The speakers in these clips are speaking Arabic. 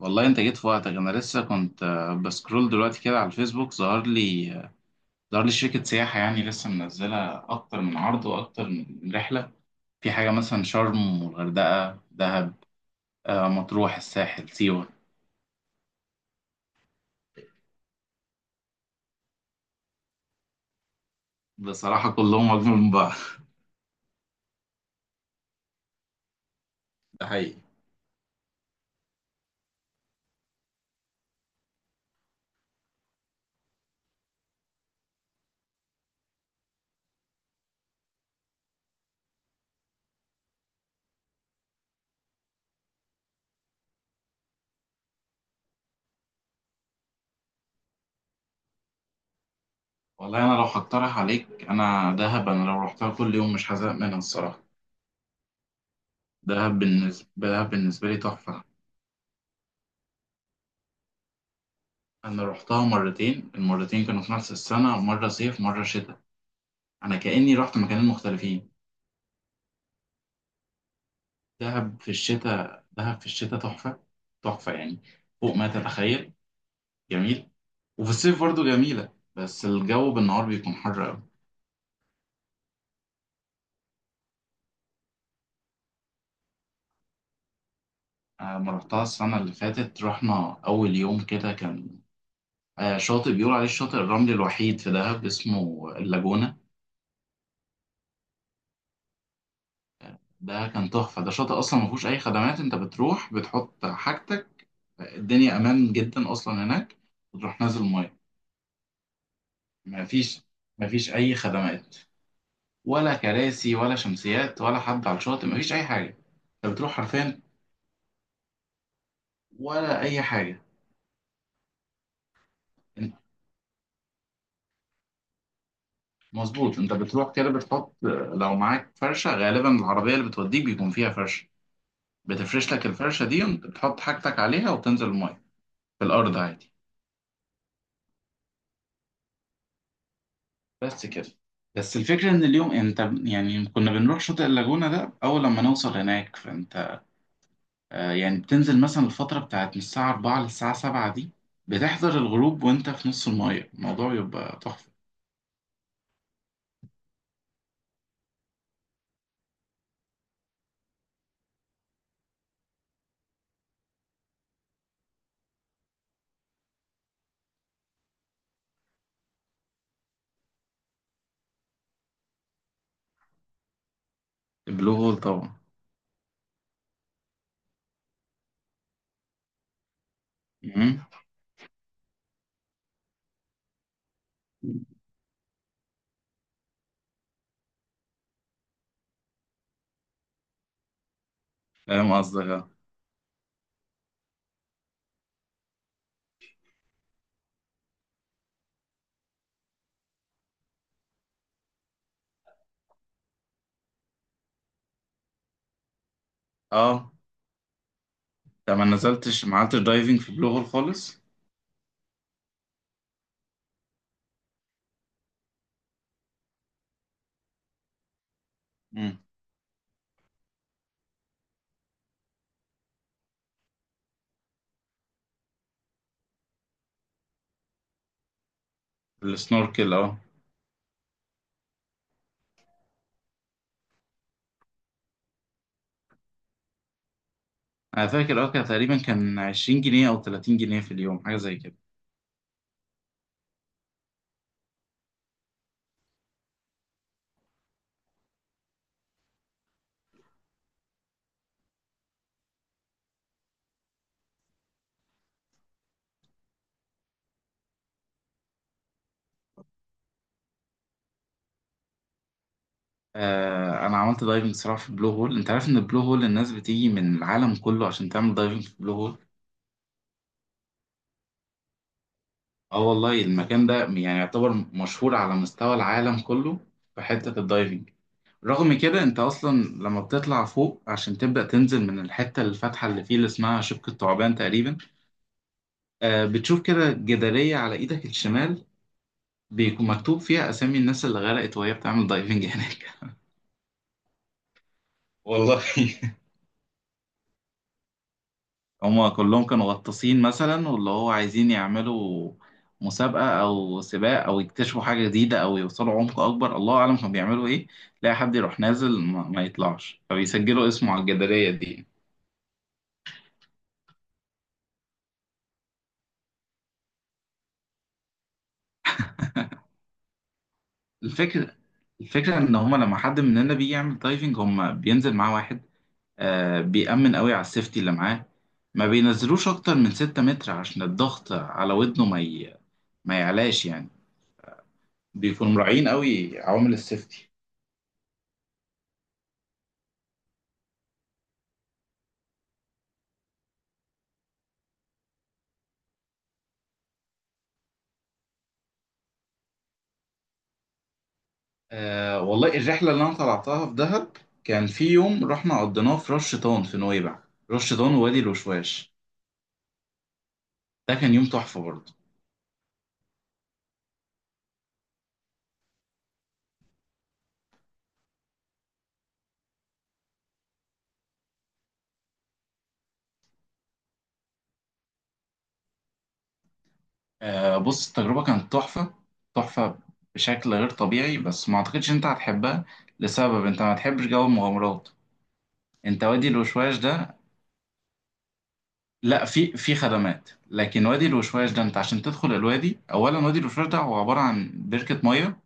والله انت جيت في وقتك، انا لسه كنت بسكرول دلوقتي كده على الفيسبوك. ظهر لي شركة سياحة يعني لسه منزلة اكتر من عرض واكتر من رحلة. في حاجة مثلا شرم والغردقة دهب، مطروح الساحل سيوة. بصراحة كلهم اجمل من بعض. ده حقيقي. والله انا لو هقترح عليك انا دهب، انا لو رحتها كل يوم مش هزهق منها الصراحة. دهب بالنسبة لي تحفة. انا رحتها مرتين، المرتين كانوا في نفس السنة، مرة صيف مرة شتاء. انا كأني رحت مكانين مختلفين. دهب في الشتاء تحفة. تحفة يعني، فوق ما تتخيل. جميل. وفي الصيف برضه جميلة، بس الجو بالنهار بيكون حر أوي. لما رحتها السنة اللي فاتت رحنا أول يوم كده كان شاطئ بيقول عليه الشاطئ الرملي الوحيد في دهب، اسمه اللاجونة. ده كان تحفة. ده شاطئ أصلا ما فيهوش أي خدمات. أنت بتروح بتحط حاجتك، الدنيا أمان جدا أصلا هناك، وتروح نازل مية. مفيش مفيش أي خدمات، ولا كراسي ولا شمسيات ولا حد على الشاطئ، مفيش اي حاجه. انت بتروح حرفيا، ولا اي حاجه. انت مظبوط، انت بتروح كده بتحط، لو معاك فرشه. غالبا العربيه اللي بتوديك بيكون فيها فرشه، بتفرش لك الفرشه دي وانت بتحط حاجتك عليها وبتنزل الميه. في الارض عادي. بس كده. بس الفكره ان اليوم انت يعني كنا بنروح شاطئ اللاجونه ده، اول لما نوصل هناك فانت يعني بتنزل مثلا الفتره بتاعت من الساعه 4 للساعه 7 دي، بتحضر الغروب وانت في نص الميه، الموضوع يبقى تحفه. بلو هول طبعا. مم. فاهم قصدك، اه. اه، انت ما نزلتش، ما عملتش دايفنج في بلو هول خالص. مم. السنوركل، اه. انا فاكر اه كان تقريبا كان 20 جنيه او 30 جنيه في اليوم، حاجه زي كده. انا عملت دايفنج صراحه في بلو هول. انت عارف ان بلو هول الناس بتيجي من العالم كله عشان تعمل دايفنج في بلو هول. اه والله المكان ده يعني يعتبر مشهور على مستوى العالم كله في حته الدايفنج. رغم كده انت اصلا لما بتطلع فوق عشان تبدأ تنزل من الحتة الفاتحة اللي فيه اللي اسمها شبك الثعبان تقريبا، بتشوف كده جدارية على ايدك الشمال، بيكون مكتوب فيها اسامي الناس اللي غرقت وهي بتعمل دايفنج هناك. والله، هما كلهم كانوا غطاسين مثلا، واللي هو عايزين يعملوا مسابقة أو سباق أو يكتشفوا حاجة جديدة أو يوصلوا عمق أكبر، الله أعلم كانوا بيعملوا إيه. تلاقي حد يروح نازل ما يطلعش، فبيسجلوا اسمه على الجدارية دي. الفكرة الفكرة إن هما لما حد مننا بيجي يعمل دايفنج هما بينزل معاه واحد بيأمن قوي على السيفتي اللي معاه. ما بينزلوش أكتر من ستة متر عشان الضغط على ودنه ما يعلاش يعني. بيكونوا مراعيين قوي عوامل السيفتي. والله الرحلة اللي أنا طلعتها في دهب كان في يوم رحنا قضيناه في رش شيطان في نويبع. رش شيطان ووادي الوشواش، ده كان يوم تحفة برضه. بص التجربة كانت تحفة. تحفة بشكل غير طبيعي، بس ما اعتقدش إن انت هتحبها، لسبب انت ما تحبش جو المغامرات. انت وادي الوشواش ده، لا في خدمات، لكن وادي الوشواش ده انت عشان تدخل الوادي اولا، وادي الوشواش ده هو عبارة عن بركة مية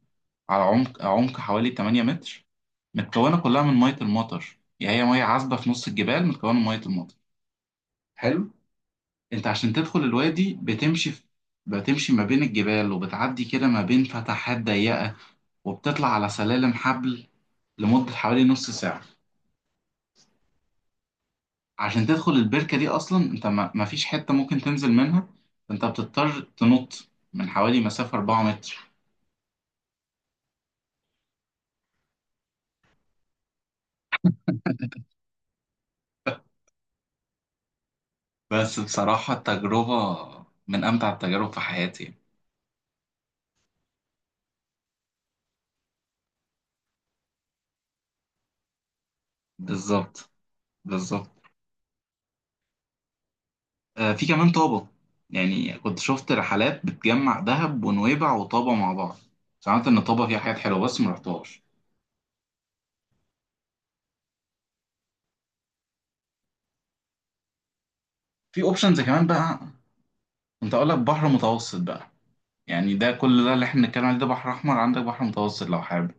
على عمق حوالي 8 متر، متكونة كلها من مية المطر، يعني هي مية عذبة في نص الجبال متكونة من مية المطر. حلو. انت عشان تدخل الوادي بتمشي ما بين الجبال وبتعدي كده ما بين فتحات ضيقة، وبتطلع على سلالم حبل، لمدة حوالي نص ساعة. عشان تدخل البركة دي أصلا، أنت ما فيش حتة ممكن تنزل منها، أنت بتضطر تنط من حوالي مسافة 4 متر. بس بصراحة التجربة من أمتع التجارب في حياتي. بالظبط. بالظبط. في كمان طابة، يعني كنت شفت رحلات بتجمع دهب ونويبع وطابة مع بعض. سمعت إن طابة فيها حاجات حلوة بس ما رحتهاش. في أوبشنز كمان بقى، كنت أقول لك بحر متوسط بقى. يعني ده كل ده اللي احنا بنتكلم عليه ده بحر احمر، عندك بحر متوسط لو حابب.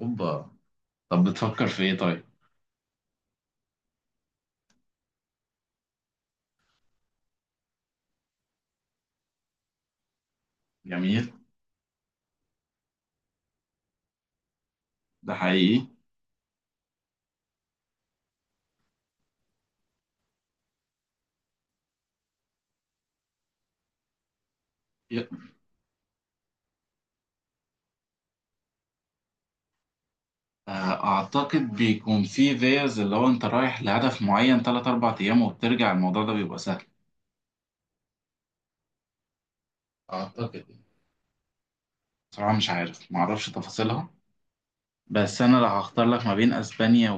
اوبا. طب بتفكر في ايه طيب؟ جميل. ده حقيقي. ي- اعتقد بيكون في فيز اللي هو انت رايح لهدف معين 3 4 ايام وبترجع، الموضوع ده بيبقى سهل. اعتقد. صراحة مش عارف، معرفش تفاصيلها. بس انا لو هختار لك ما بين اسبانيا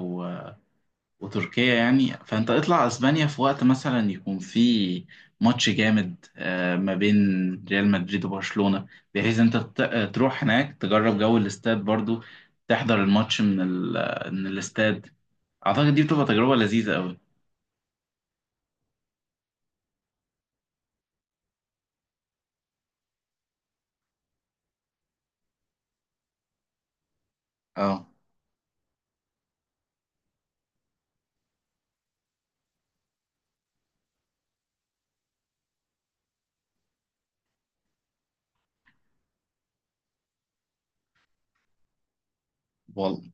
وتركيا يعني، فانت اطلع اسبانيا في وقت مثلا يكون في ماتش جامد ما بين ريال مدريد وبرشلونة، بحيث انت تروح هناك تجرب جو الاستاد برضو، تحضر الماتش من الاستاد. اعتقد دي بتبقى تجربة لذيذة قوي. اه. وال...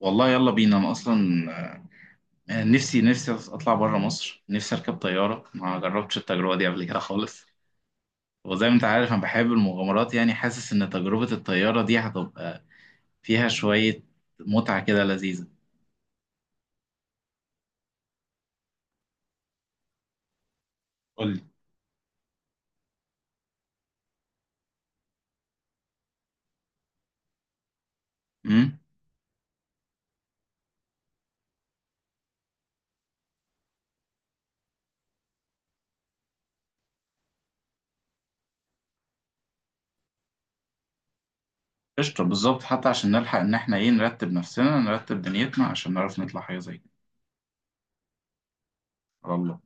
والله يلا بينا، انا اصلا نفسي اطلع بره مصر. نفسي اركب طيارة، ما جربتش التجربة دي قبل كده خالص. وزي ما انت عارف انا بحب المغامرات، يعني حاسس ان تجربة الطيارة دي هتبقى فيها شوية متعة كده لذيذة. قول لي. امم قشطة. بالظبط، حتى عشان نلحق إن إحنا إيه، نرتب نفسنا نرتب دنيتنا عشان نعرف نطلع حاجة زي كده. على الله.